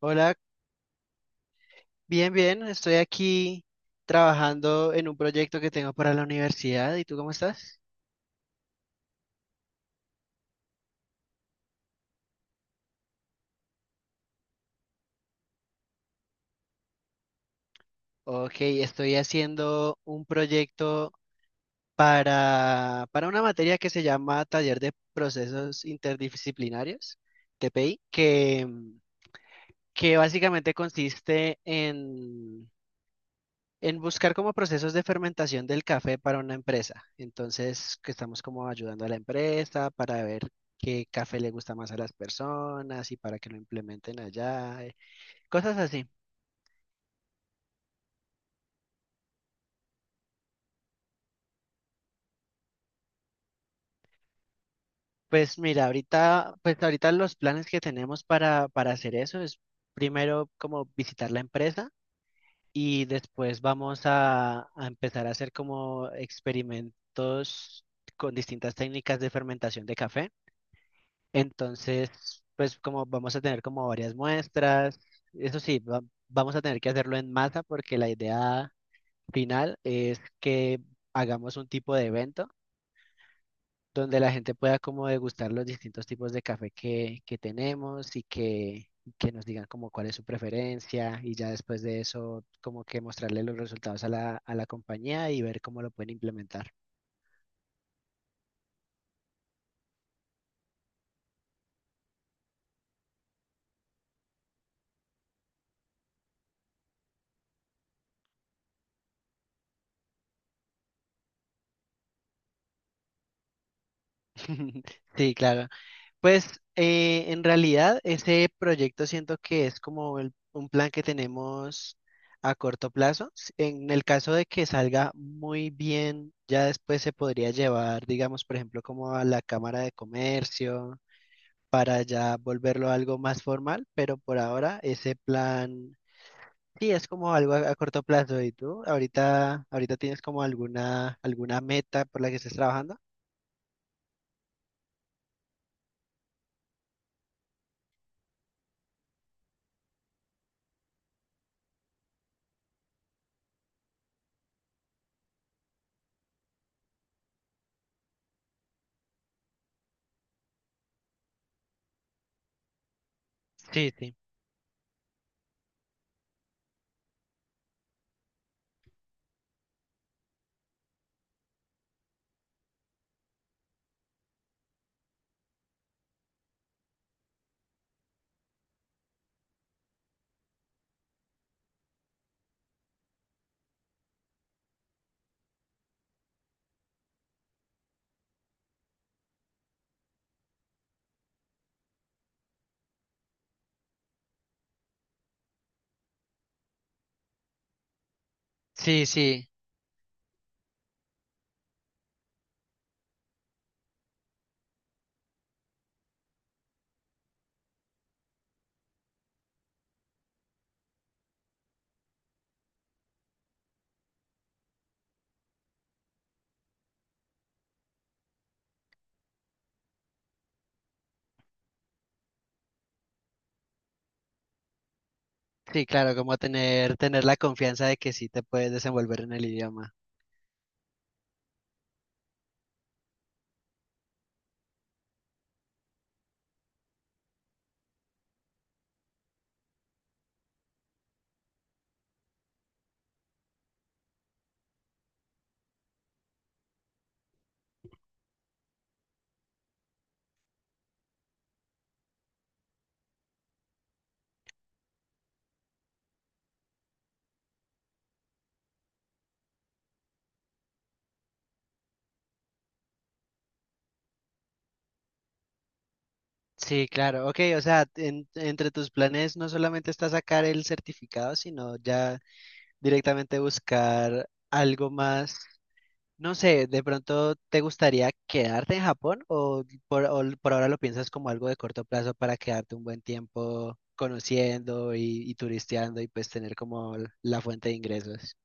Hola, bien, bien. Estoy aquí trabajando en un proyecto que tengo para la universidad. ¿Y tú cómo estás? Ok, estoy haciendo un proyecto para una materia que se llama Taller de Procesos Interdisciplinarios, TPI, que básicamente consiste en buscar como procesos de fermentación del café para una empresa. Entonces, que estamos como ayudando a la empresa para ver qué café le gusta más a las personas y para que lo implementen allá, cosas así. Pues mira, ahorita, pues ahorita los planes que tenemos para hacer eso es primero como visitar la empresa y después vamos a empezar a hacer como experimentos con distintas técnicas de fermentación de café. Entonces, pues como vamos a tener como varias muestras, eso sí, vamos a tener que hacerlo en masa porque la idea final es que hagamos un tipo de evento donde la gente pueda como degustar los distintos tipos de café que tenemos y que nos digan como cuál es su preferencia, y ya después de eso como que mostrarle los resultados a la compañía y ver cómo lo pueden implementar. Sí, claro. Pues en realidad ese proyecto siento que es como un plan que tenemos a corto plazo. En el caso de que salga muy bien, ya después se podría llevar, digamos, por ejemplo, como a la Cámara de Comercio para ya volverlo algo más formal, pero por ahora ese plan sí es como algo a corto plazo. ¿Y tú ahorita, ahorita tienes como alguna meta por la que estés trabajando? Sí, sí. Sí, sí. Sí, claro, como tener la confianza de que sí te puedes desenvolver en el idioma. Sí, claro, ok, o sea, entre tus planes no solamente está sacar el certificado, sino ya directamente buscar algo más, no sé, de pronto te gustaría quedarte en Japón o por ahora lo piensas como algo de corto plazo para quedarte un buen tiempo conociendo y turisteando y pues tener como la fuente de ingresos.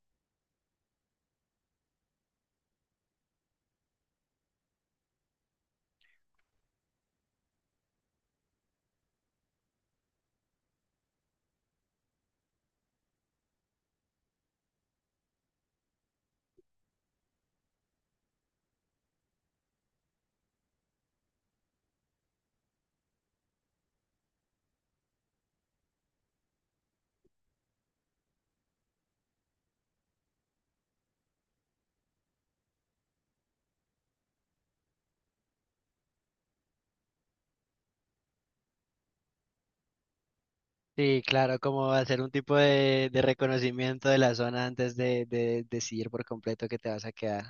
Sí, claro, como hacer un tipo de reconocimiento de la zona antes de decidir por completo que te vas a quedar.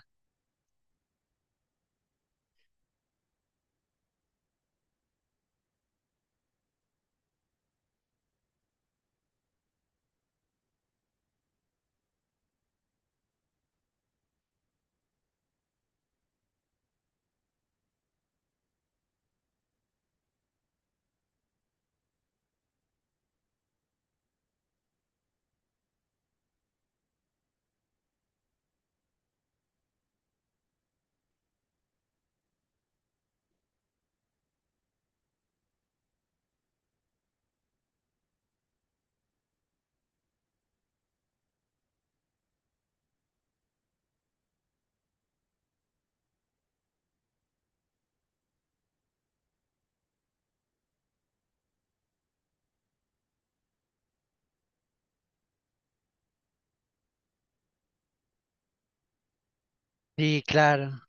Sí, claro.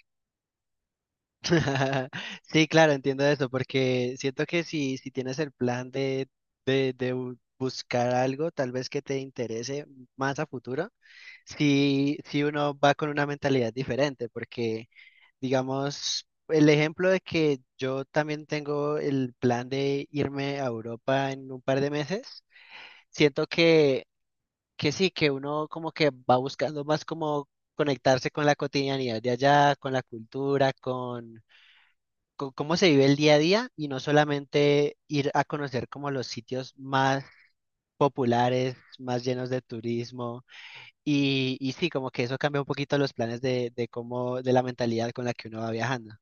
Sí, claro, entiendo eso, porque siento que si, si tienes el plan de buscar algo, tal vez que te interese más a futuro, si, si uno va con una mentalidad diferente. Porque digamos, el ejemplo de que yo también tengo el plan de irme a Europa en un par de meses, siento que sí, que uno como que va buscando más como conectarse con la cotidianidad de allá, con la cultura, con cómo se vive el día a día y no solamente ir a conocer como los sitios más populares, más llenos de turismo y sí, como que eso cambia un poquito los planes de cómo, de la mentalidad con la que uno va viajando.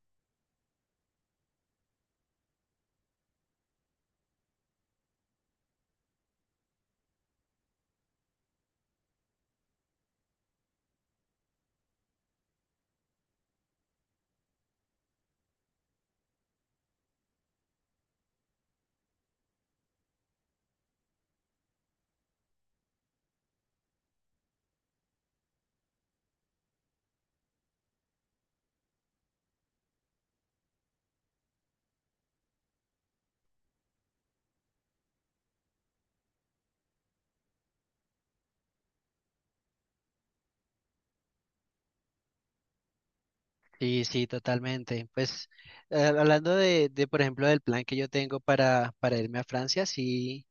Sí, sí, totalmente. Pues hablando de, por ejemplo, del plan que yo tengo para irme a Francia, sí,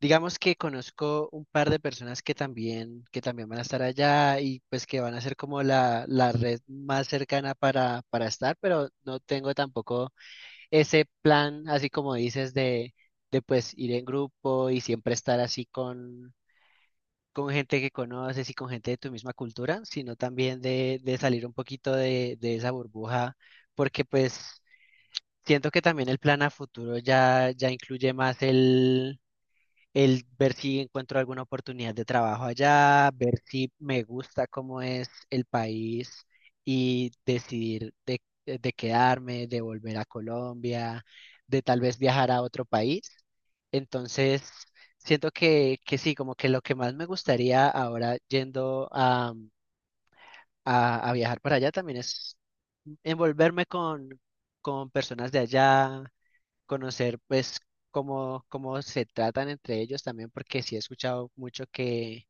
digamos que conozco un par de personas que también van a estar allá y pues que van a ser como la red más cercana para estar, pero no tengo tampoco ese plan, así como dices, de pues ir en grupo y siempre estar así con gente que conoces y con gente de tu misma cultura, sino también de salir un poquito de esa burbuja, porque pues siento que también el plan a futuro ya incluye más el ver si encuentro alguna oportunidad de trabajo allá, ver si me gusta cómo es el país y decidir de quedarme, de volver a Colombia, de tal vez viajar a otro país. Entonces, siento que sí, como que lo que más me gustaría ahora yendo a viajar para allá también es envolverme con personas de allá, conocer pues cómo, cómo se tratan entre ellos también, porque sí he escuchado mucho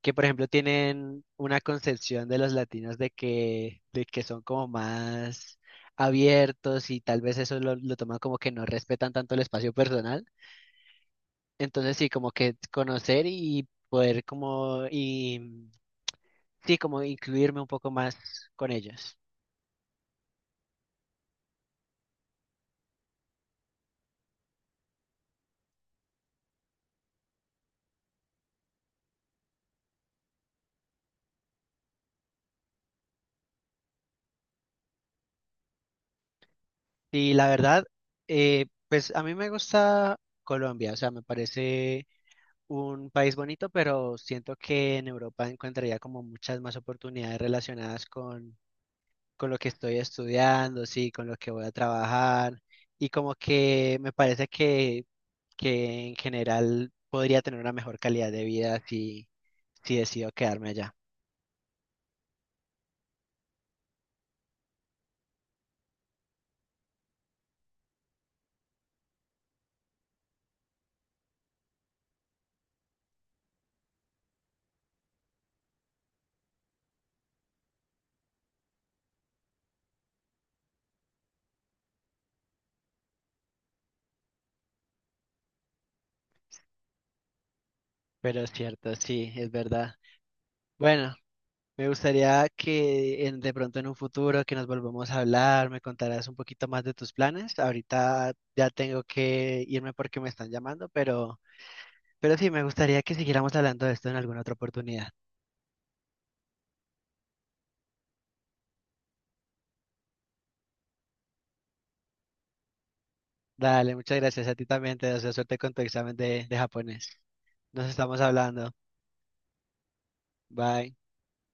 que por ejemplo tienen una concepción de los latinos de que son como más abiertos y tal vez eso lo toman como que no respetan tanto el espacio personal. Entonces sí, como que conocer y poder como y sí, como incluirme un poco más con ellos. Y la verdad, pues a mí me gusta Colombia, o sea, me parece un país bonito, pero siento que en Europa encontraría como muchas más oportunidades relacionadas con lo que estoy estudiando, sí, con lo que voy a trabajar, y como que me parece que en general podría tener una mejor calidad de vida si, si decido quedarme allá. Pero es cierto, sí, es verdad. Bueno, me gustaría que de pronto en un futuro que nos volvamos a hablar, me contarás un poquito más de tus planes. Ahorita ya tengo que irme porque me están llamando, pero sí, me gustaría que siguiéramos hablando de esto en alguna otra oportunidad. Dale, muchas gracias a ti también, te deseo suerte con tu examen de japonés. Nos estamos hablando. Bye.